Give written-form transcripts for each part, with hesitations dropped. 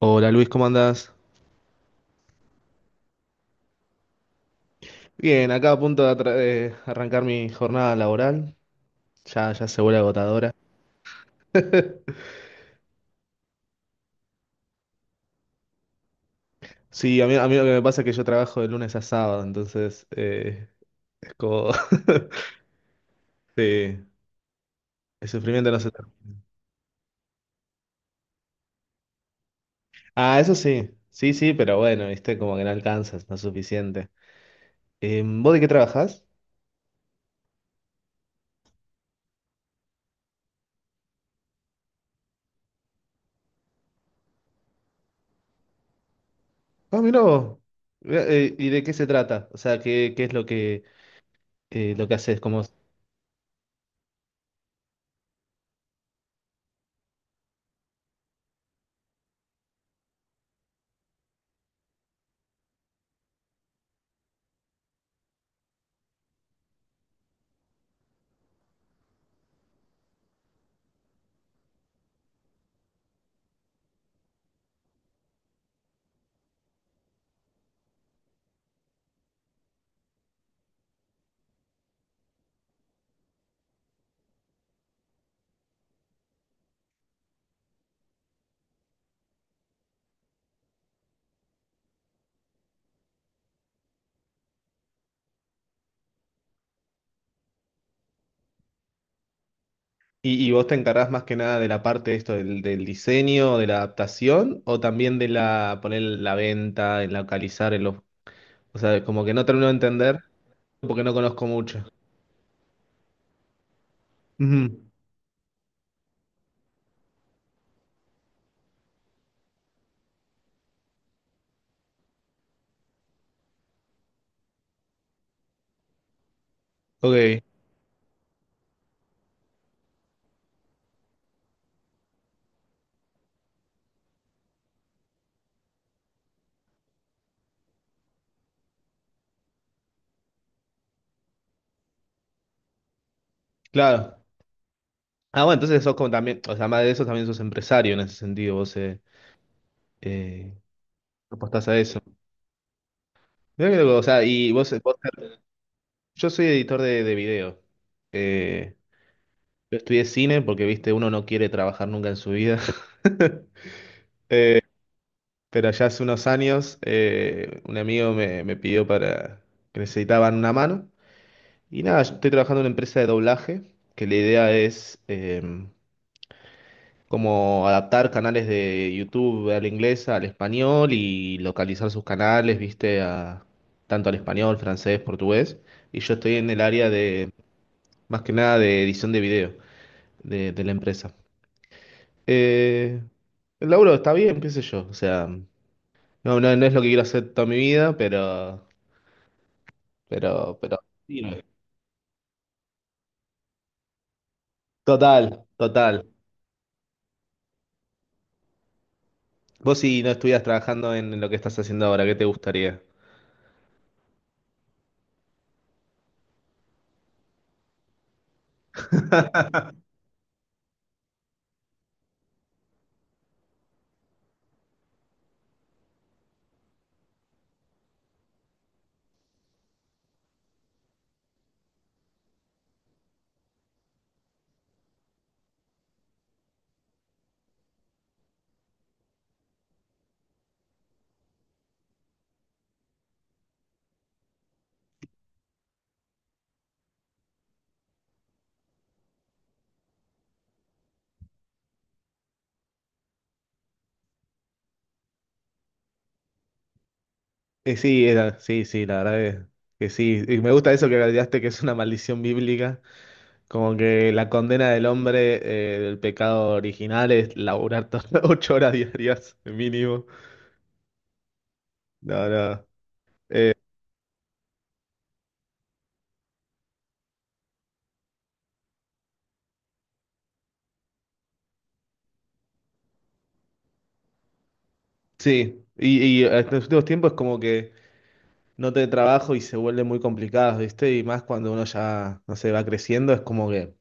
Hola Luis, ¿cómo andás? Bien, acá a punto de arrancar mi jornada laboral. Ya, ya se vuelve agotadora. Sí, a mí lo que me pasa es que yo trabajo de lunes a sábado, entonces es como. Sí, el sufrimiento no se termina. Ah, eso sí, sí, sí, pero bueno, viste, como que no alcanzas, no es suficiente. ¿Vos de qué trabajás? Ah, mirá vos. Mirá, ¿y de qué se trata? O sea, ¿qué es lo que haces? ¿Cómo? ¿Y vos te encargás más que nada de la parte de esto del diseño, de la adaptación, o también de la poner la venta, en localizar, en los, o sea, como que no termino de entender porque no conozco mucho. Ujú. Ok, claro. Ah, bueno, entonces sos como también, o sea, además de eso también sos empresario en ese sentido, vos eh, apostás a eso. Mirá que loco, o sea, yo soy editor de video. Eh, yo estudié cine porque, viste, uno no quiere trabajar nunca en su vida. Pero ya hace unos años un amigo me pidió para que necesitaban una mano. Y nada, yo estoy trabajando en una empresa de doblaje, que la idea es como adaptar canales de YouTube al inglés, al español y localizar sus canales, viste, a, tanto al español, francés, portugués. Y yo estoy en el área de, más que nada, de edición de video de la empresa. Eh, el laburo está bien, qué sé yo. O sea, no, no, no es lo que quiero hacer toda mi vida, pero. Pero, sí, no. Total, total. Vos si no estuvieras trabajando en lo que estás haciendo ahora, ¿qué te gustaría? Sí, sí, sí, la verdad es que sí. Y me gusta eso que agregaste que es una maldición bíblica, como que la condena del hombre, del pecado original es laburar 8 horas diarias mínimo. No, no. Sí, y en los últimos tiempos es como que no te trabajo y se vuelve muy complicado, ¿viste? Y más cuando uno ya, no sé, va creciendo, es como que.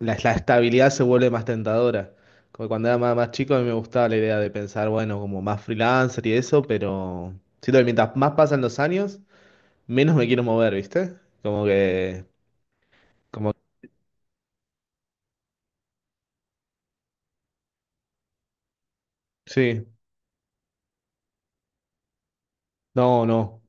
La estabilidad se vuelve más tentadora. Como cuando era más, más chico, a mí me gustaba la idea de pensar, bueno, como más freelancer y eso, pero siento que mientras más pasan los años, menos me quiero mover, ¿viste? Como que, como, sí, no, no.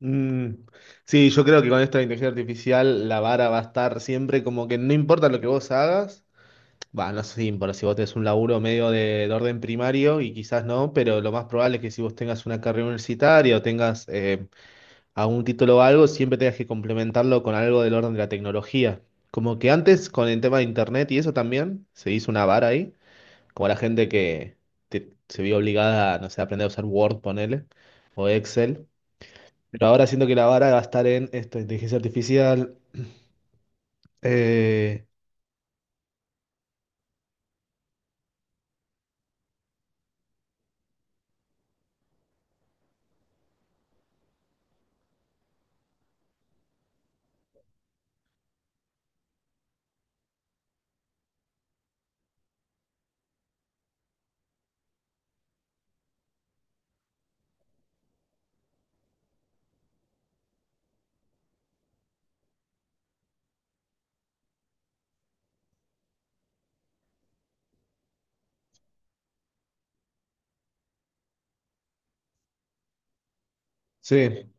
Mm, sí, yo creo que con esta inteligencia artificial la vara va a estar siempre como que no importa lo que vos hagas. Va, no sé si importa si vos tenés un laburo medio de orden primario y quizás no, pero lo más probable es que si vos tengas una carrera universitaria o tengas a un título o algo, siempre tengas que complementarlo con algo del orden de la tecnología. Como que antes con el tema de internet y eso también, se hizo una vara ahí, como la gente que se vio obligada a, no sé, aprender a usar Word, ponele, o Excel. Pero ahora siento que la vara va a estar en esto, inteligencia artificial. eh, sí.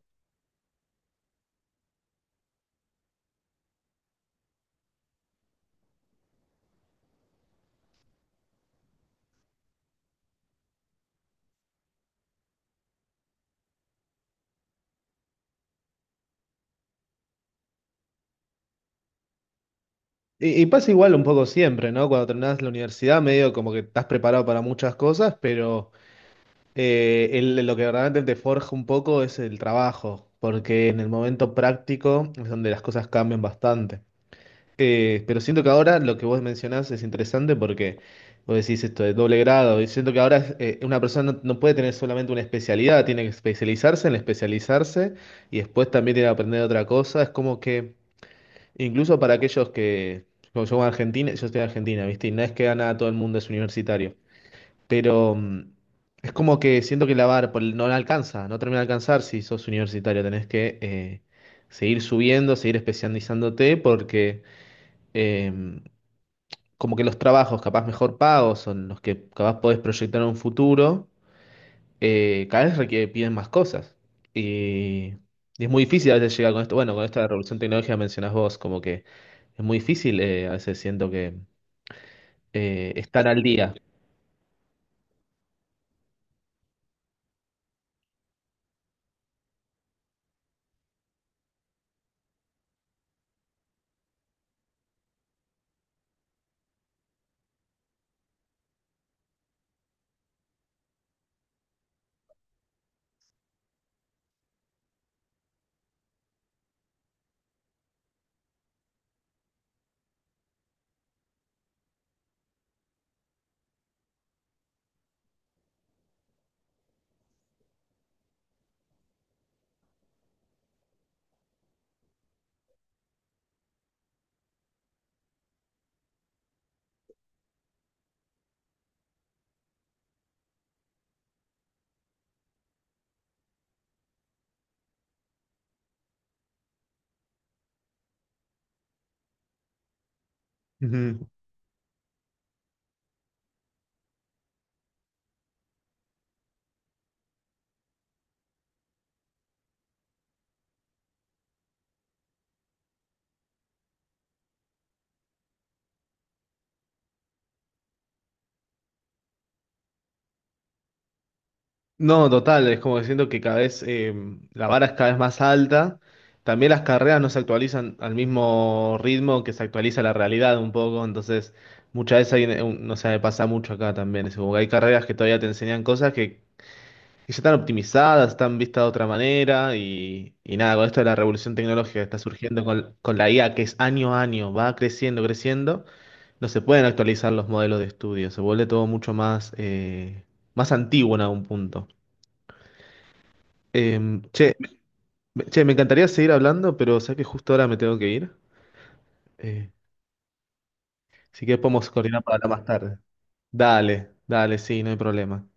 Y pasa igual un poco siempre, ¿no? Cuando terminás la universidad, medio como que estás preparado para muchas cosas, pero lo que verdaderamente te forja un poco es el trabajo, porque en el momento práctico es donde las cosas cambian bastante. Pero siento que ahora lo que vos mencionás es interesante porque vos decís esto de doble grado, y siento que ahora es, una persona no, no puede tener solamente una especialidad, tiene que especializarse en especializarse y después también tiene que aprender otra cosa. Es como que incluso para aquellos que, como yo en Argentina, yo estoy en Argentina, ¿viste? Y no es que a nada todo el mundo es universitario. Pero es como que siento que la barra por no la alcanza, no termina de alcanzar si sos universitario. Tenés que seguir subiendo, seguir especializándote, porque eh, como que los trabajos capaz mejor pagos, son los que capaz podés proyectar en un futuro, cada vez requieren piden más cosas. Y, y es muy difícil a veces llegar con esto. Bueno, con esta revolución tecnológica mencionás vos, como que es muy difícil, a veces siento que estar al día. Ujú. No, total, es como diciendo que cada vez la vara es cada vez más alta. También las carreras no se actualizan al mismo ritmo que se actualiza la realidad un poco, entonces muchas veces hay, no sé, me pasa mucho acá también. Es como que hay carreras que todavía te enseñan cosas que ya están optimizadas, están vistas de otra manera y nada, con esto de la revolución tecnológica que está surgiendo con la IA, que es año a año, va creciendo, creciendo, no se pueden actualizar los modelos de estudio, se vuelve todo mucho más antiguo en algún punto. Che, che, me encantaría seguir hablando, pero sé que justo ahora me tengo que ir. Eh, Así que podemos coordinar para hablar más tarde. Dale, dale, sí, no hay problema.